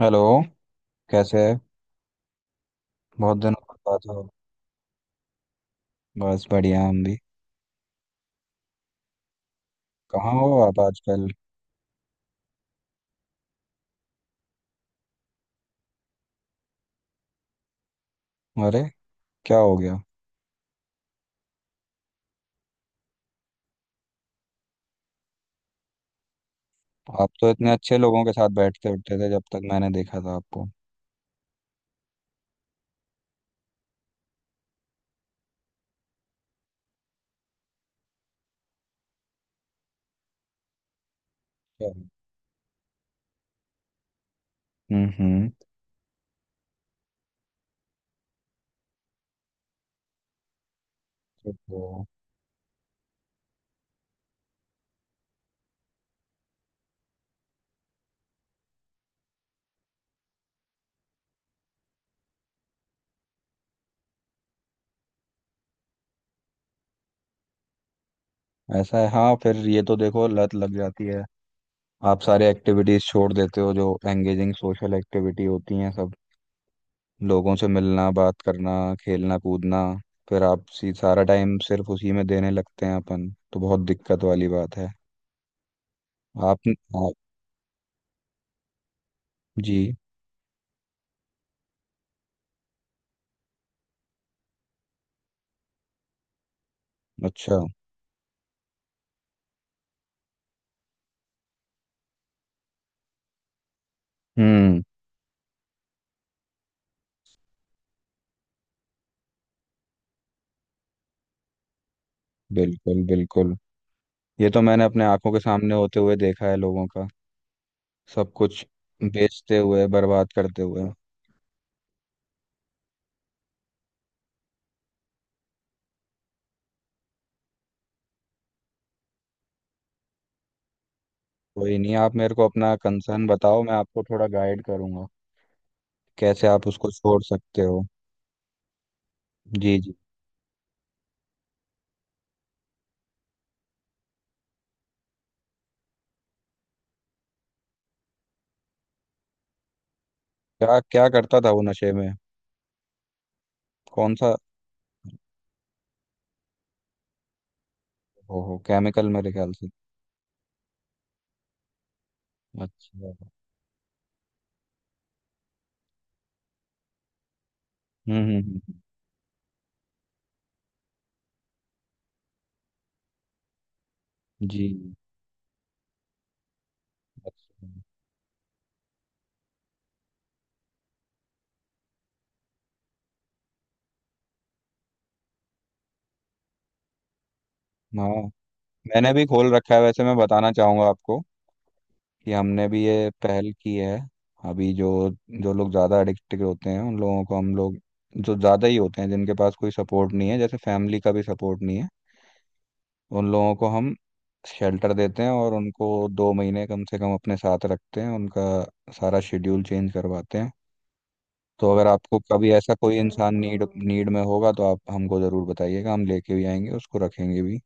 Hello. कैसे है? बहुत दिनों बाद बात हो। बस बढ़िया, हम भी। कहाँ हो आप आजकल? अरे, क्या हो गया? आप तो इतने अच्छे लोगों के साथ बैठते उठते थे जब तक मैंने देखा था आपको। क्या? हम्म, हम्म। तो ऐसा है, हाँ। फिर ये तो देखो लत लग जाती है। आप सारे एक्टिविटीज छोड़ देते हो जो एंगेजिंग सोशल एक्टिविटी होती हैं, सब। लोगों से मिलना, बात करना, खेलना कूदना, फिर आप सी सारा टाइम सिर्फ उसी में देने लगते हैं अपन। तो बहुत दिक्कत वाली बात है। आप, आप। जी। अच्छा। हम्म। बिल्कुल बिल्कुल। ये तो मैंने अपने आंखों के सामने होते हुए देखा है लोगों का, सब कुछ बेचते हुए, बर्बाद करते हुए। कोई नहीं, आप मेरे को अपना कंसर्न बताओ, मैं आपको थोड़ा गाइड करूंगा। कैसे आप उसको छोड़ सकते हो? जी, जी। क्या क्या करता था वो नशे में? कौन सा? ओहो, केमिकल मेरे ख्याल से। अच्छा। हम्म। जी। अच्छा। हाँ, मैंने भी खोल रखा है, वैसे मैं बताना चाहूंगा आपको कि हमने भी ये पहल की है। अभी जो जो लोग ज़्यादा एडिक्टेड होते हैं उन लोगों को हम लोग, जो ज़्यादा ही होते हैं, जिनके पास कोई सपोर्ट नहीं है, जैसे फैमिली का भी सपोर्ट नहीं है, उन लोगों को हम शेल्टर देते हैं और उनको 2 महीने कम से कम अपने साथ रखते हैं। उनका सारा शेड्यूल चेंज करवाते हैं। तो अगर आपको कभी ऐसा कोई इंसान नीड नीड में होगा तो आप हमको ज़रूर बताइएगा, हम लेके भी आएंगे, उसको रखेंगे भी।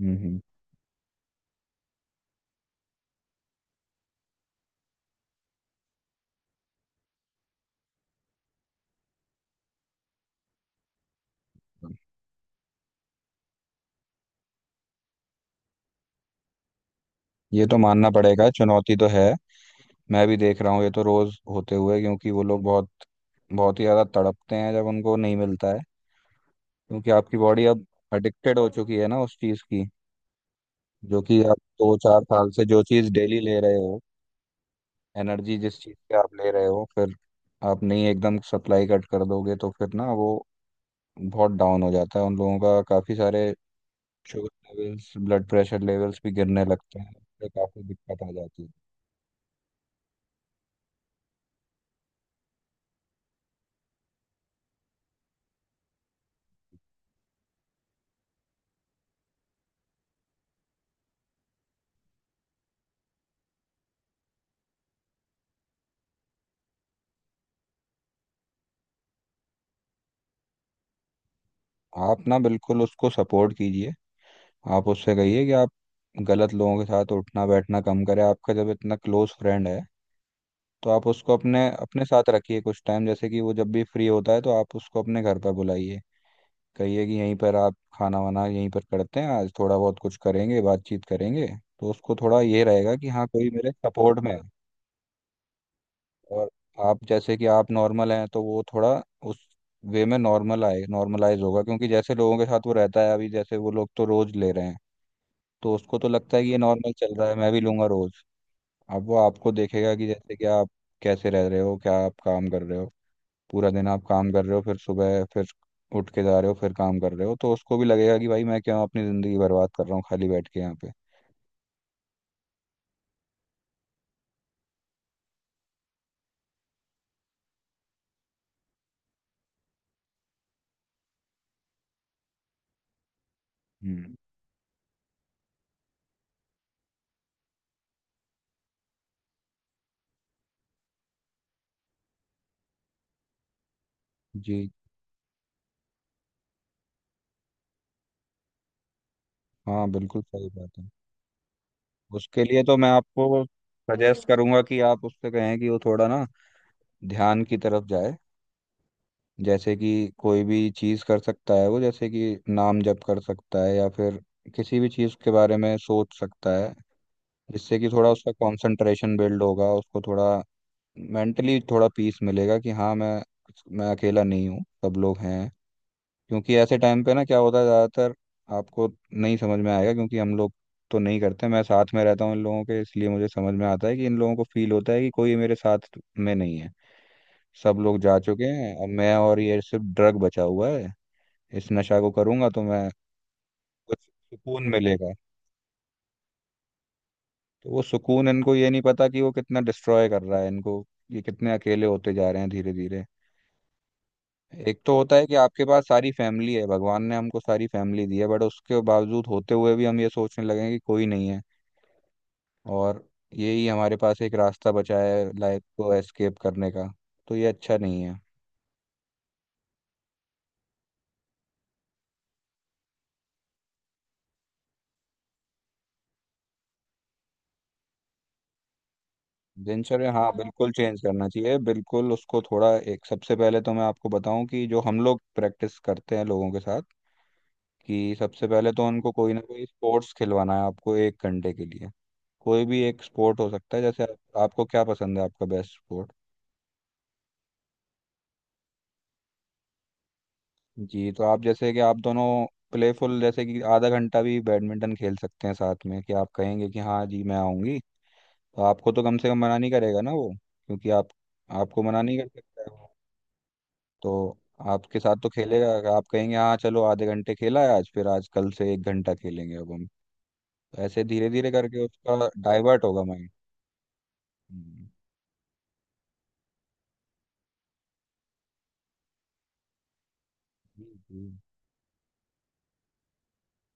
हम्म हम्म। हम्म। ये तो मानना पड़ेगा, चुनौती तो है। मैं भी देख रहा हूँ ये तो रोज़ होते हुए, क्योंकि वो लोग बहुत बहुत ही ज़्यादा तड़पते हैं जब उनको नहीं मिलता है। क्योंकि आपकी बॉडी अब एडिक्टेड हो चुकी है ना उस चीज़ की। जो कि आप 2-4 साल से जो चीज़ डेली ले रहे हो, एनर्जी जिस चीज़ से आप ले रहे हो, फिर आप नहीं एकदम सप्लाई कट कर दोगे तो फिर ना वो बहुत डाउन हो जाता है उन लोगों का। काफ़ी सारे sugar levels, blood pressure levels भी गिरने लगते हैं, उससे काफ़ी दिक्कत आ जाती है। आप ना बिल्कुल उसको सपोर्ट कीजिए। आप उससे कहिए कि आप गलत लोगों के साथ उठना बैठना कम करें। आपका जब इतना क्लोज फ्रेंड है तो आप उसको अपने अपने साथ रखिए कुछ टाइम, जैसे कि वो जब भी फ्री होता है तो आप उसको अपने घर पर बुलाइए। कहिए कि यहीं पर आप खाना वाना यहीं पर करते हैं, आज थोड़ा बहुत कुछ करेंगे, बातचीत करेंगे। तो उसको थोड़ा ये रहेगा कि हाँ कोई मेरे सपोर्ट में है। और आप जैसे कि आप नॉर्मल हैं तो वो थोड़ा उस वे में नॉर्मल आए, नॉर्मलाइज होगा। क्योंकि जैसे लोगों के साथ वो रहता है अभी, जैसे वो लोग तो रोज ले रहे हैं, तो उसको तो लगता है कि ये नॉर्मल चल रहा है, मैं भी लूंगा रोज। अब वो आपको देखेगा कि जैसे कि आप कैसे रह रहे हो, क्या आप काम कर रहे हो, पूरा दिन आप काम कर रहे हो, फिर सुबह फिर उठ के जा रहे हो, फिर काम कर रहे हो, तो उसको भी लगेगा कि भाई मैं क्यों अपनी ज़िंदगी बर्बाद कर रहा हूँ खाली बैठ के यहाँ पे। हम्म। जी। हाँ बिल्कुल सही बात है। उसके लिए तो मैं आपको सजेस्ट करूंगा कि आप उससे कहें कि वो थोड़ा ना ध्यान की तरफ जाए। जैसे कि कोई भी चीज़ कर सकता है वो, जैसे कि नाम जप कर सकता है या फिर किसी भी चीज़ के बारे में सोच सकता है, जिससे कि थोड़ा उसका कंसंट्रेशन बिल्ड होगा, उसको थोड़ा मेंटली थोड़ा पीस मिलेगा कि हाँ मैं अकेला नहीं हूँ, सब लोग हैं। क्योंकि ऐसे टाइम पे ना क्या होता है ज़्यादातर, आपको नहीं समझ में आएगा क्योंकि हम लोग तो नहीं करते। मैं साथ में रहता हूँ इन लोगों के इसलिए मुझे समझ में आता है कि इन लोगों को फील होता है कि कोई मेरे साथ में नहीं है, सब लोग जा चुके हैं, अब मैं और ये सिर्फ ड्रग बचा हुआ है, इस नशा को करूंगा तो मैं कुछ सुकून मिलेगा। तो वो सुकून इनको, ये नहीं पता कि वो कितना डिस्ट्रॉय कर रहा है इनको, ये कितने अकेले होते जा रहे हैं धीरे धीरे। एक तो होता है कि आपके पास सारी फैमिली है, भगवान ने हमको सारी फैमिली दी है, बट उसके बावजूद होते हुए भी हम ये सोचने लगे हैं कि कोई नहीं है और यही हमारे पास एक रास्ता बचा है लाइफ को एस्केप करने का। तो ये अच्छा नहीं है। दिनचर्या हाँ बिल्कुल चेंज करना चाहिए, बिल्कुल। उसको थोड़ा एक, सबसे पहले तो मैं आपको बताऊं कि जो हम लोग प्रैक्टिस करते हैं लोगों के साथ, कि सबसे पहले तो उनको कोई ना कोई स्पोर्ट्स खिलवाना है आपको, 1 घंटे के लिए। कोई भी एक स्पोर्ट हो सकता है। जैसे आपको क्या पसंद है, आपका बेस्ट स्पोर्ट? जी तो आप, जैसे कि आप दोनों प्लेफुल, जैसे कि आधा घंटा भी बैडमिंटन खेल सकते हैं साथ में, कि आप कहेंगे कि हाँ जी मैं आऊँगी, तो आपको तो कम से कम मना नहीं करेगा ना वो। क्योंकि आप, आपको मना नहीं कर सकता है वो, तो आपके साथ तो खेलेगा। अगर आप कहेंगे हाँ चलो आधे घंटे खेला है आज, फिर आज कल से 1 घंटा खेलेंगे अब हम। तो ऐसे धीरे धीरे करके उसका डाइवर्ट होगा माइंड। हम्म। जी, जी।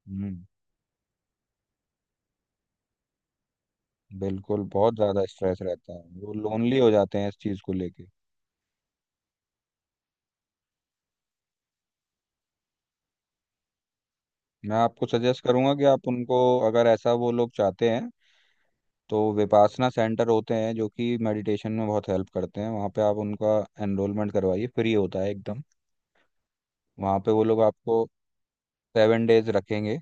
हम्म। बिल्कुल, बहुत ज़्यादा स्ट्रेस रहता है, वो लोनली हो जाते हैं इस चीज़ को लेके। मैं आपको सजेस्ट करूंगा कि आप उनको, अगर ऐसा वो लोग चाहते हैं तो विपासना सेंटर होते हैं जो कि मेडिटेशन में बहुत हेल्प करते हैं। वहाँ पे आप उनका एनरोलमेंट करवाइए, फ्री होता है एकदम। वहाँ पे वो लोग आपको 7 डेज रखेंगे।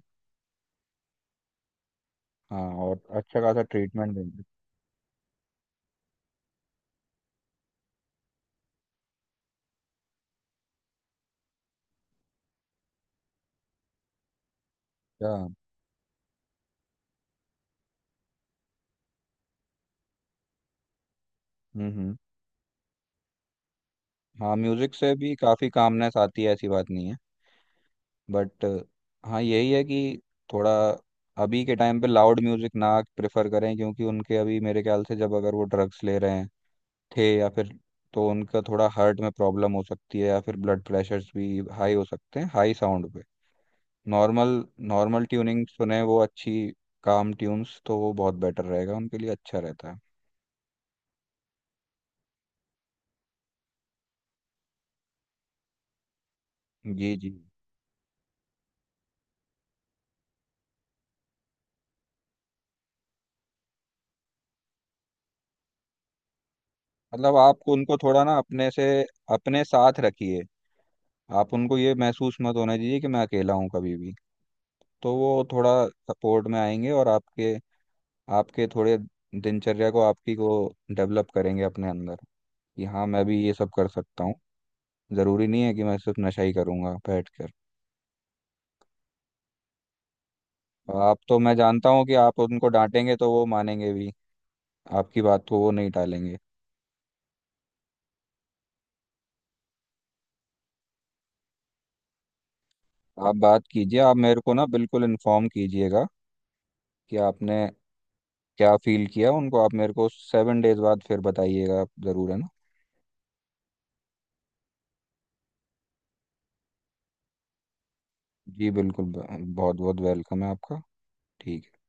हाँ और अच्छा खासा ट्रीटमेंट देंगे। अच्छा। हम्म। हाँ म्यूजिक से भी काफ़ी कामनेस आती है, ऐसी बात नहीं है। बट हाँ, यही है कि थोड़ा अभी के टाइम पे लाउड म्यूजिक ना प्रेफर करें, क्योंकि उनके अभी मेरे ख्याल से, जब अगर वो ड्रग्स ले रहे हैं थे या फिर, तो उनका थोड़ा हार्ट में प्रॉब्लम हो सकती है या फिर ब्लड प्रेशर्स भी हाई हो सकते हैं हाई साउंड पे। नॉर्मल, नॉर्मल ट्यूनिंग सुने वो अच्छी, काम ट्यून्स, तो वो बहुत बेटर रहेगा उनके लिए, अच्छा रहता है। जी, जी। मतलब आप उनको थोड़ा ना अपने से अपने साथ रखिए, आप उनको ये महसूस मत होने दीजिए कि मैं अकेला हूँ कभी भी। तो वो थोड़ा सपोर्ट में आएंगे और आपके आपके थोड़े दिनचर्या को आपकी को डेवलप करेंगे अपने अंदर कि हाँ मैं भी ये सब कर सकता हूँ। जरूरी नहीं है कि मैं सिर्फ नशा ही करूंगा बैठ कर। आप तो मैं जानता हूँ कि आप उनको डांटेंगे तो वो मानेंगे भी, आपकी बात को वो नहीं टालेंगे। आप बात कीजिए, आप मेरे को ना बिल्कुल इन्फॉर्म कीजिएगा कि आपने क्या फील किया उनको। आप मेरे को 7 डेज बाद फिर बताइएगा आप, जरूर है ना। जी बिल्कुल, बहुत बहुत वेलकम है आपका। ठीक है।